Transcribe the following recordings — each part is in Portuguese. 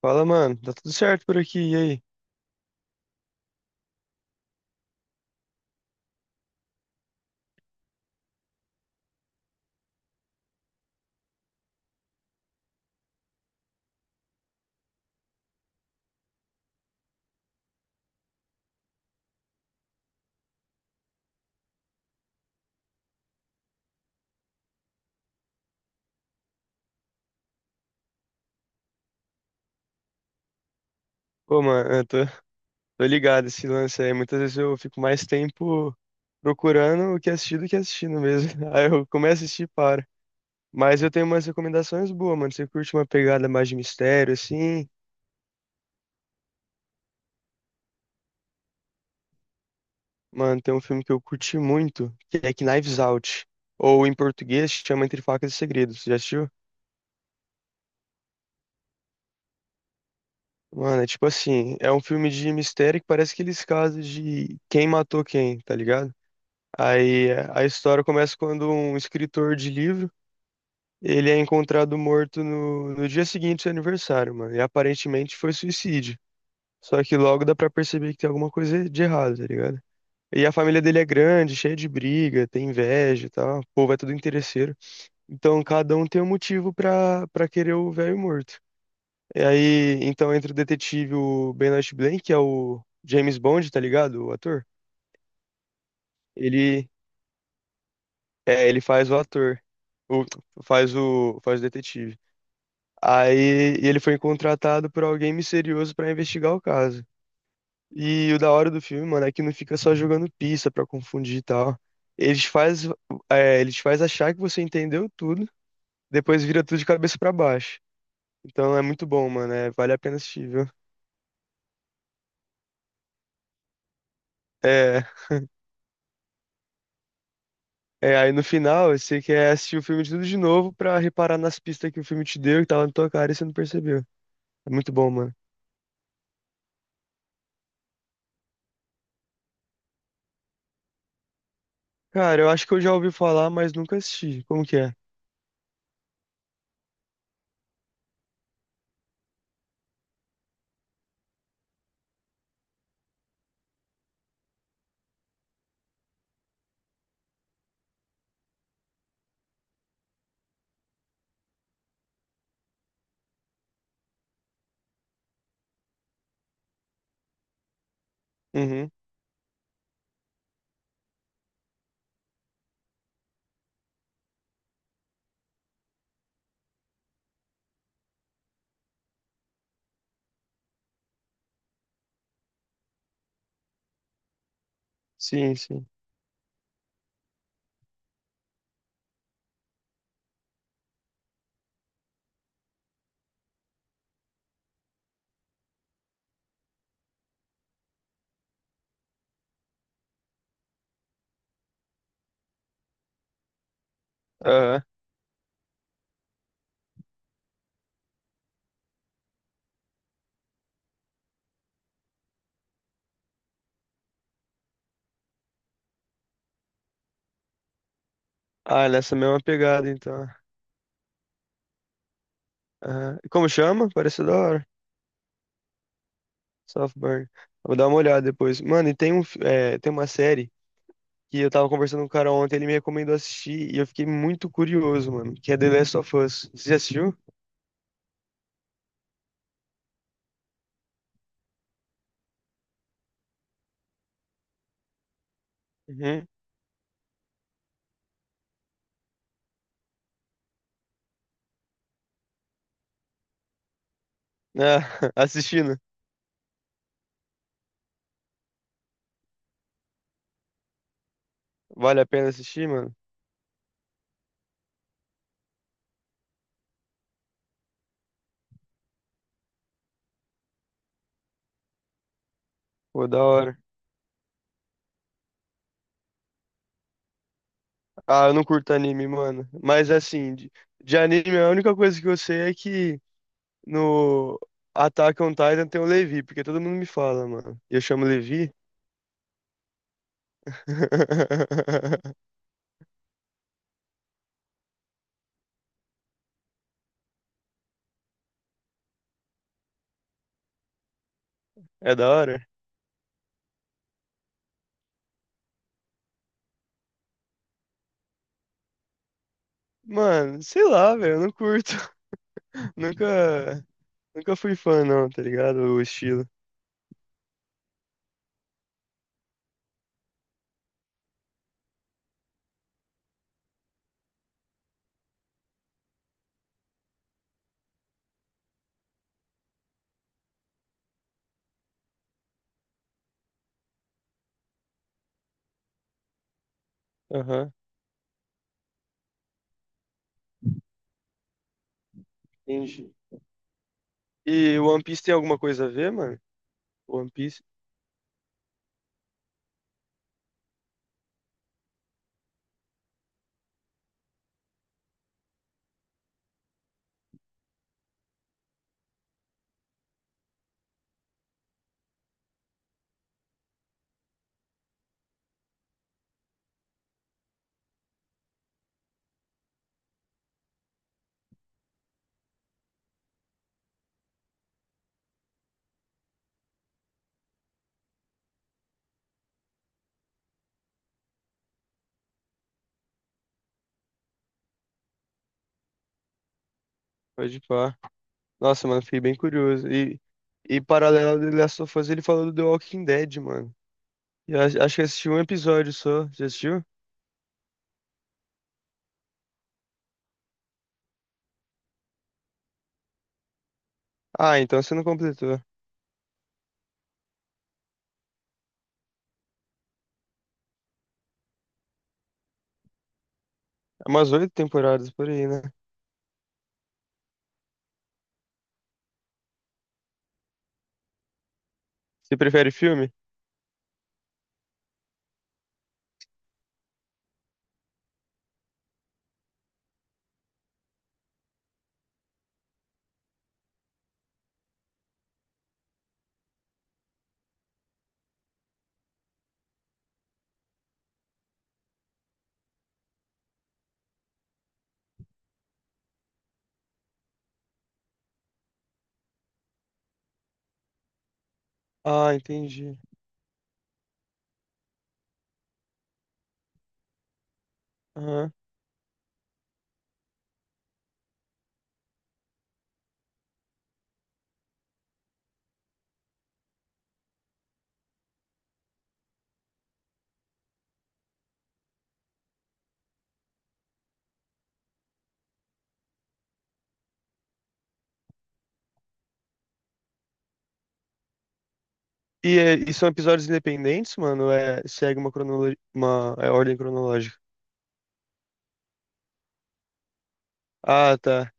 Fala, mano. Tá tudo certo por aqui, e aí? Pô, mano, tô ligado esse lance aí. Muitas vezes eu fico mais tempo procurando o que assistir do que assistindo mesmo. Aí eu começo a assistir e paro. Mas eu tenho umas recomendações boas, mano. Você curte uma pegada mais de mistério, assim? Mano, tem um filme que eu curti muito, que é Knives Out. Ou em português, chama Entre Facas e Segredos. Você já assistiu? Mano, é tipo assim, é um filme de mistério que parece aqueles casos de quem matou quem, tá ligado? A história começa quando um escritor de livro, ele é encontrado morto no dia seguinte do seu aniversário, mano. E aparentemente foi suicídio. Só que logo dá pra perceber que tem alguma coisa de errado, tá ligado? E a família dele é grande, cheia de briga, tem inveja e tal. O povo é tudo interesseiro. Então cada um tem um motivo pra querer o velho morto. E aí, então entra o detetive o Benoit Blanc, que é o James Bond, tá ligado? O ator. Ele, É, ele faz o ator. O, faz o detetive. Aí e ele foi contratado por alguém misterioso pra investigar o caso. E o da hora do filme, mano, é que não fica só jogando pista pra confundir e tal. Eles faz, Eles faz achar que você entendeu tudo, depois vira tudo de cabeça pra baixo. Então é muito bom, mano. É, vale a pena assistir, viu? É, Aí no final você quer assistir o filme de tudo de novo pra reparar nas pistas que o filme te deu e tava na tua cara e você não percebeu. É muito bom, mano. Cara, eu acho que eu já ouvi falar, mas nunca assisti. Como que é? Uhum. Sim, sim. Aham. Ah, nessa mesma pegada, então. Aham. E como chama? Parece da hora. Softburn. Vou dar uma olhada depois. Mano, e tem um, fi- é, tem uma série que eu tava conversando com um cara ontem, ele me recomendou assistir e eu fiquei muito curioso, mano, que é The Last of Us. Você já assistiu? Uhum. Ah, assistindo. Vale a pena assistir, mano? Pô, da hora. Ah, eu não curto anime, mano. Mas assim, de anime, a única coisa que eu sei é que no Attack on Titan tem o Levi, porque todo mundo me fala, mano. E eu chamo Levi. É da hora? Mano, sei lá, velho, eu não curto. Nunca, Nunca fui fã, não, tá ligado? O estilo. Aham, entendi. E o One Piece tem alguma coisa a ver, mano? One Piece? Pode pá. Nossa, mano, fiquei bem curioso. E paralelo do Last of Us, ele falou do The Walking Dead, mano. E eu acho que eu assisti um episódio só. Já assistiu? Ah, então você não completou. É umas 8 temporadas por aí, né? Você prefere filme? Ah, entendi. Aham. E, e são episódios independentes, mano? É, segue uma cronologia, uma ordem cronológica. Ah, tá.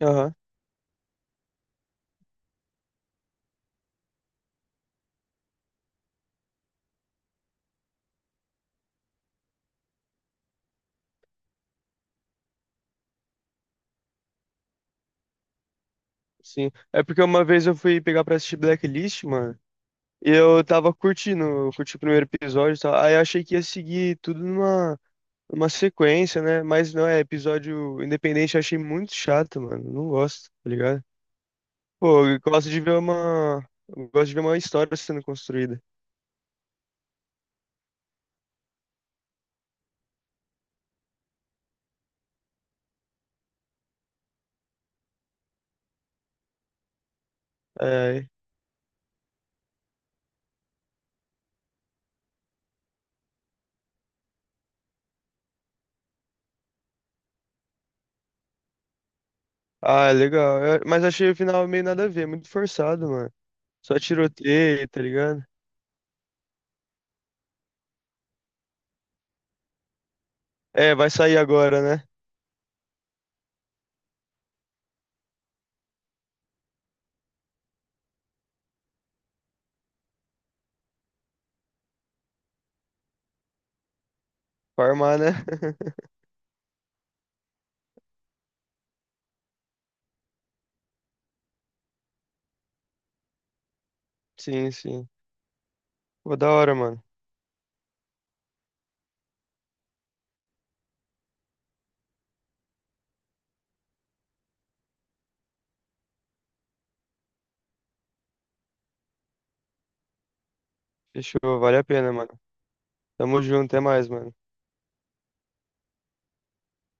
Aham, sim. É porque uma vez eu fui pegar pra assistir Blacklist, mano, e eu tava curtindo, eu curti o primeiro episódio e tal. Aí eu achei que ia seguir tudo numa sequência, né? Mas não, é episódio independente, eu achei muito chato, mano. Não gosto, tá ligado? Pô, eu gosto de ver uma. Eu gosto de ver uma história sendo construída. É, ah, é legal. Mas achei o final meio nada a ver, muito forçado, mano. Só tiroteio, tá ligado? É, vai sair agora, né? Pra armar, né? Sim, sim. Pô, da hora, mano. Fechou, vale a pena, mano. Tamo junto, até mais, mano.